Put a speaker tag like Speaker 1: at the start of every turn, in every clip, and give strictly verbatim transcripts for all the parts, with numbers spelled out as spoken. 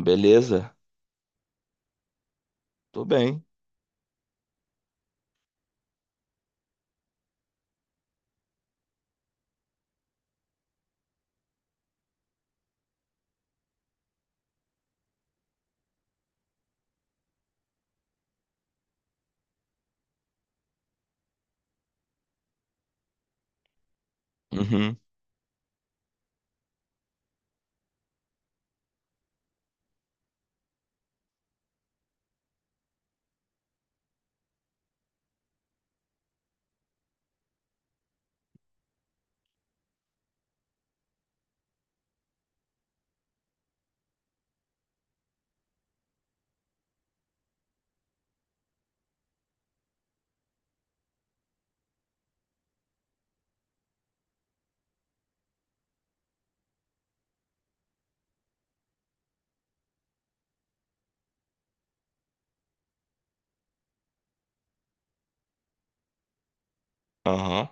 Speaker 1: Beleza? Tô bem. Uhum. Aham.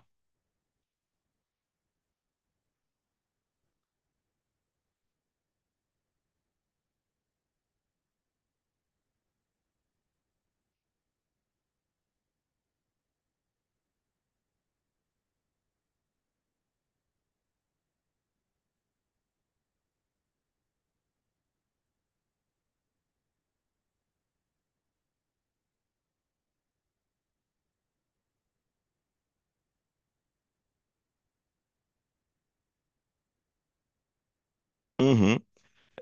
Speaker 1: Uhum.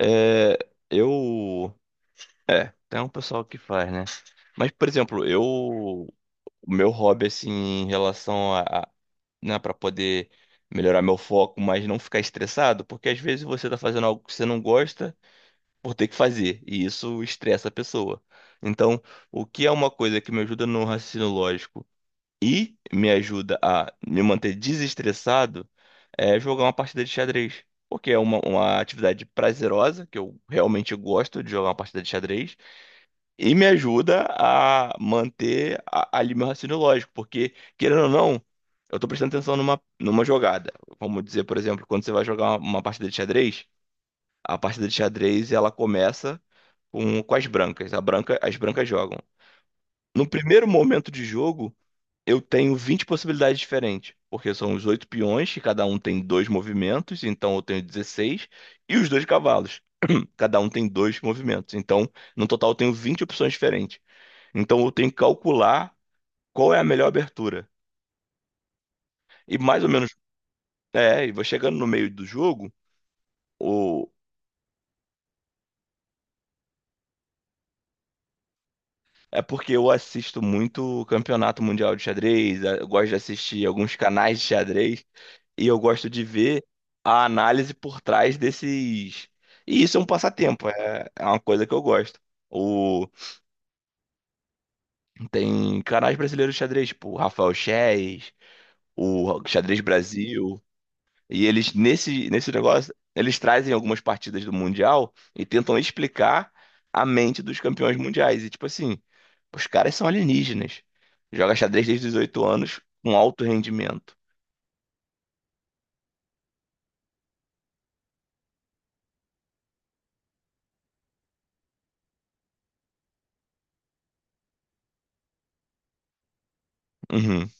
Speaker 1: É, eu. É, tem um pessoal que faz, né? Mas, por exemplo, eu. O meu hobby, assim, em relação a. a- Né, pra poder melhorar meu foco, mas não ficar estressado, porque às vezes você tá fazendo algo que você não gosta por ter que fazer, e isso estressa a pessoa. Então, o que é uma coisa que me ajuda no raciocínio lógico? E me ajuda a me manter desestressado é jogar uma partida de xadrez. Porque é uma, uma atividade prazerosa, que eu realmente gosto de jogar uma partida de xadrez, e me ajuda a manter a- ali meu raciocínio lógico, porque, querendo ou não, eu tô prestando atenção numa, numa jogada. Vamos dizer, por exemplo, quando você vai jogar uma, uma partida de xadrez, a partida de xadrez ela começa com, com as brancas. A branca, as brancas jogam. No primeiro momento de jogo, eu tenho vinte possibilidades diferentes, porque são os oito peões, que cada um tem dois movimentos, então eu tenho dezesseis, e os dois cavalos, cada um tem dois movimentos. Então, no total, eu tenho vinte opções diferentes. Então, eu tenho que calcular qual é a melhor abertura. E mais ou menos, é, e vou chegando no meio do jogo, o... é porque eu assisto muito Campeonato Mundial de Xadrez, eu gosto de assistir alguns canais de xadrez, e eu gosto de ver a análise por trás desses. E isso é um passatempo, é, é uma coisa que eu gosto. O, tem canais brasileiros de xadrez, tipo o Rafael Chess, o Xadrez Brasil, e eles nesse, nesse negócio, eles trazem algumas partidas do Mundial e tentam explicar a mente dos campeões mundiais. E tipo assim, os caras são alienígenas. Joga xadrez desde os dezoito anos com alto rendimento. Uhum,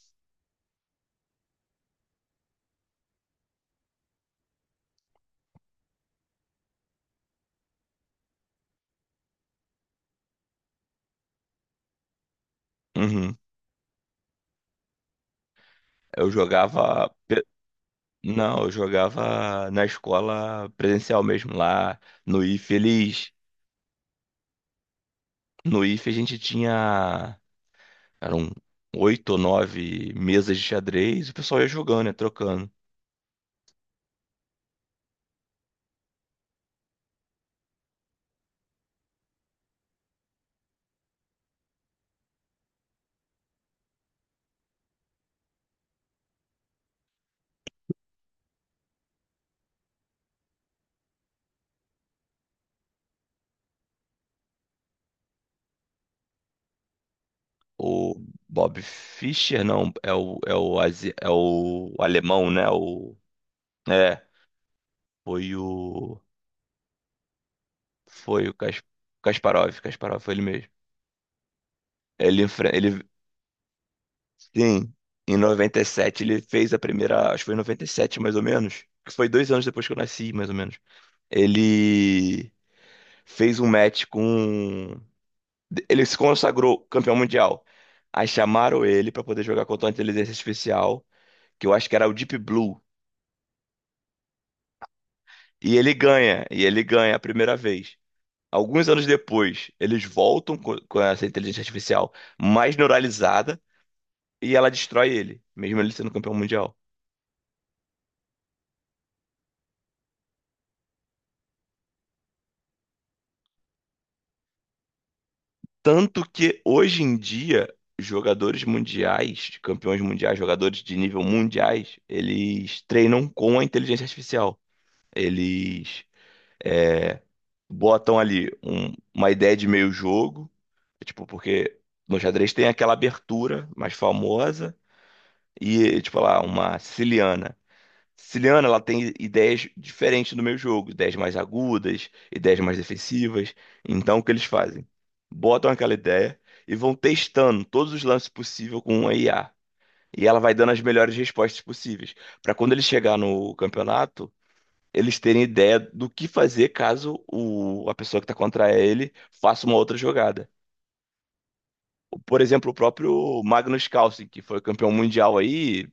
Speaker 1: uhum. Eu jogava. Não, eu jogava na escola presencial mesmo, lá no I F, eles, no I F a gente tinha, eram oito ou nove mesas de xadrez, e o pessoal ia jogando, né, trocando. O Bob Fischer, não, é o, é o, asi- é o alemão, né, o, é, foi o, foi o Kas- Kasparov, Kasparov foi ele mesmo. Ele, enfre- ele, sim, em noventa e sete ele fez a primeira, acho que foi em noventa e sete mais ou menos, que foi dois anos depois que eu nasci, mais ou menos. Ele fez um match com. Ele se consagrou campeão mundial. Aí chamaram ele pra poder jogar contra uma inteligência artificial, que eu acho que era o Deep Blue. E ele ganha, e ele ganha a primeira vez. Alguns anos depois, eles voltam co- com essa inteligência artificial mais neuralizada e ela destrói ele, mesmo ele sendo campeão mundial. Tanto que hoje em dia, jogadores mundiais, campeões mundiais, jogadores de nível mundiais, eles treinam com a inteligência artificial. Eles é, botam ali um- uma ideia de meio jogo, tipo, porque no xadrez tem aquela abertura mais famosa e, tipo, lá, uma siciliana. Siciliana, ela tem ideias diferentes do meio jogo, ideias mais agudas, ideias mais defensivas. Então, o que eles fazem? Botam aquela ideia e vão testando todos os lances possíveis com uma I a I A. E ela vai dando as melhores respostas possíveis. Para quando ele chegar no campeonato, eles terem ideia do que fazer caso o, a pessoa que está contra ele faça uma outra jogada. Por exemplo, o próprio Magnus Carlsen, que foi campeão mundial aí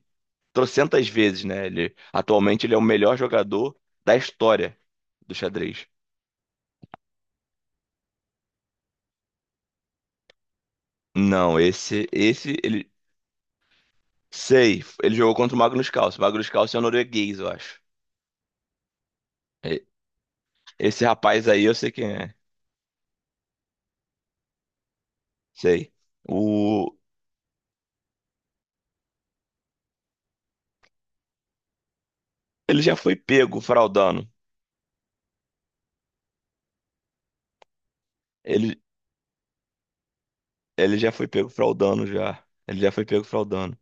Speaker 1: trocentas vezes, né? Ele, atualmente ele é o melhor jogador da história do xadrez. Não, esse, esse, ele, sei, ele jogou contra o Magnus Carlsen. O Magnus Carlsen é um norueguês, eu acho. E- Esse rapaz aí, eu sei quem é, sei. O, ele já foi pego fraudando. Ele, Ele já foi pego fraudando já. Ele já foi pego fraudando.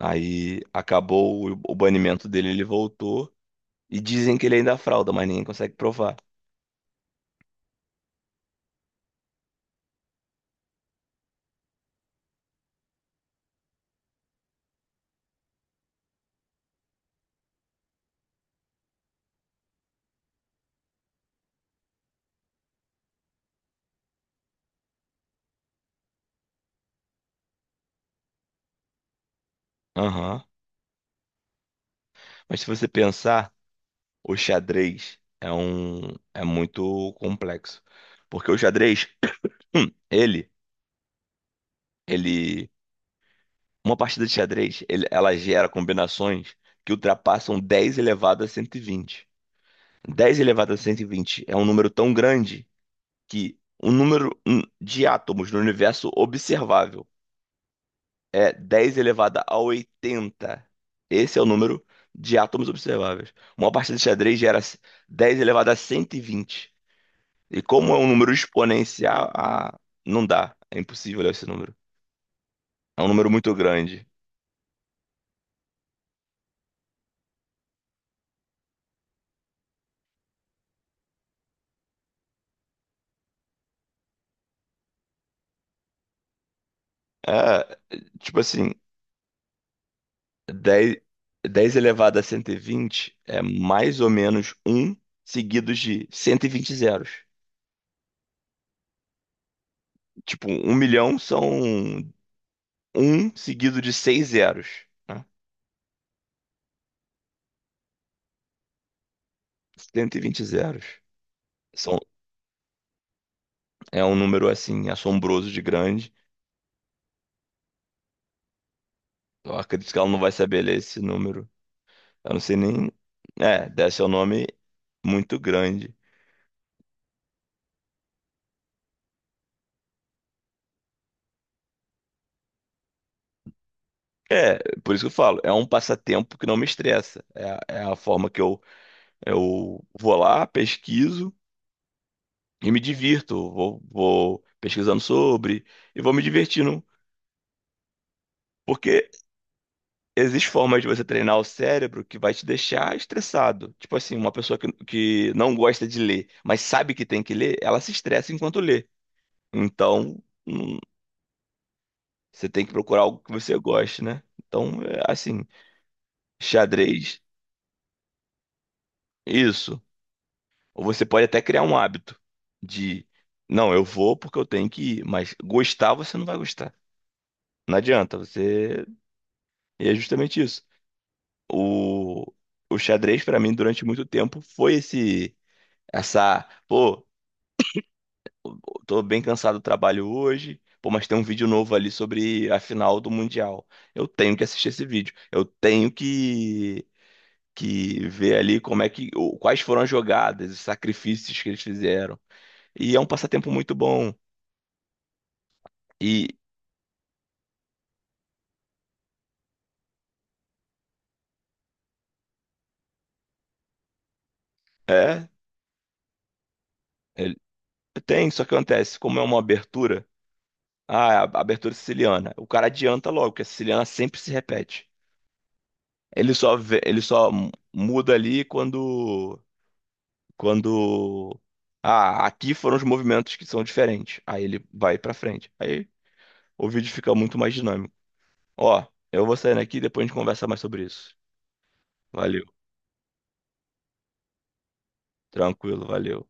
Speaker 1: Aí acabou o, o banimento dele, ele voltou. E dizem que ele ainda frauda, mas ninguém consegue provar. Aham. Mas se você pensar, o xadrez é um é muito complexo. Porque o xadrez, ele ele uma partida de xadrez, ele- ela gera combinações que ultrapassam dez elevado a cento e vinte. dez elevado a cento e vinte é um número tão grande que o número hum, de átomos no universo observável é dez elevado a oitenta. Esse é o número de átomos observáveis. Uma partida de xadrez gera dez elevado a cento e vinte. E vinte. E como é um número exponencial, ah, não dá. É impossível olhar esse número. É um número muito grande. É, tipo assim, dez 10 elevado a cento e vinte é mais ou menos um seguidos de cento e vinte zeros. Tipo, um milhão são um seguido de seis zeros, né? Cento e vinte zeros. São, é um número, assim, assombroso de grande. Eu acredito que ela não vai saber ler esse número. Eu não sei nem... É, deve ser um nome muito grande. É, por isso que eu falo, é um passatempo que não me estressa. É, a é a forma que eu, eu vou lá, pesquiso, e me divirto, vou, vou pesquisando sobre e vou me divertindo. Porque existe formas de você treinar o cérebro que vai te deixar estressado. Tipo assim, uma pessoa que, que não gosta de ler, mas sabe que tem que ler, ela se estressa enquanto lê. Então, hum, você tem que procurar algo que você goste, né? Então, é assim, xadrez, isso. Ou você pode até criar um hábito de, não, eu vou porque eu tenho que ir, mas gostar você não vai gostar. Não adianta, você. E é justamente isso. O, o xadrez, pra mim, durante muito tempo, foi esse, essa, pô, tô bem cansado do trabalho hoje, pô, mas tem um vídeo novo ali sobre a final do Mundial. Eu tenho que assistir esse vídeo. Eu tenho que, que ver ali como é que, o- quais foram as jogadas, os sacrifícios que eles fizeram. E é um passatempo muito bom. E é, ele- tem, só que acontece, como é uma abertura, ah, a abertura siciliana, o cara adianta logo, porque a siciliana sempre se repete. Ele só vê- ele só muda ali quando quando ah, aqui foram os movimentos que são diferentes. Aí ele vai pra frente. Aí o vídeo fica muito mais dinâmico. Ó, eu vou saindo aqui, depois a gente conversa mais sobre isso. Valeu. Tranquilo, valeu.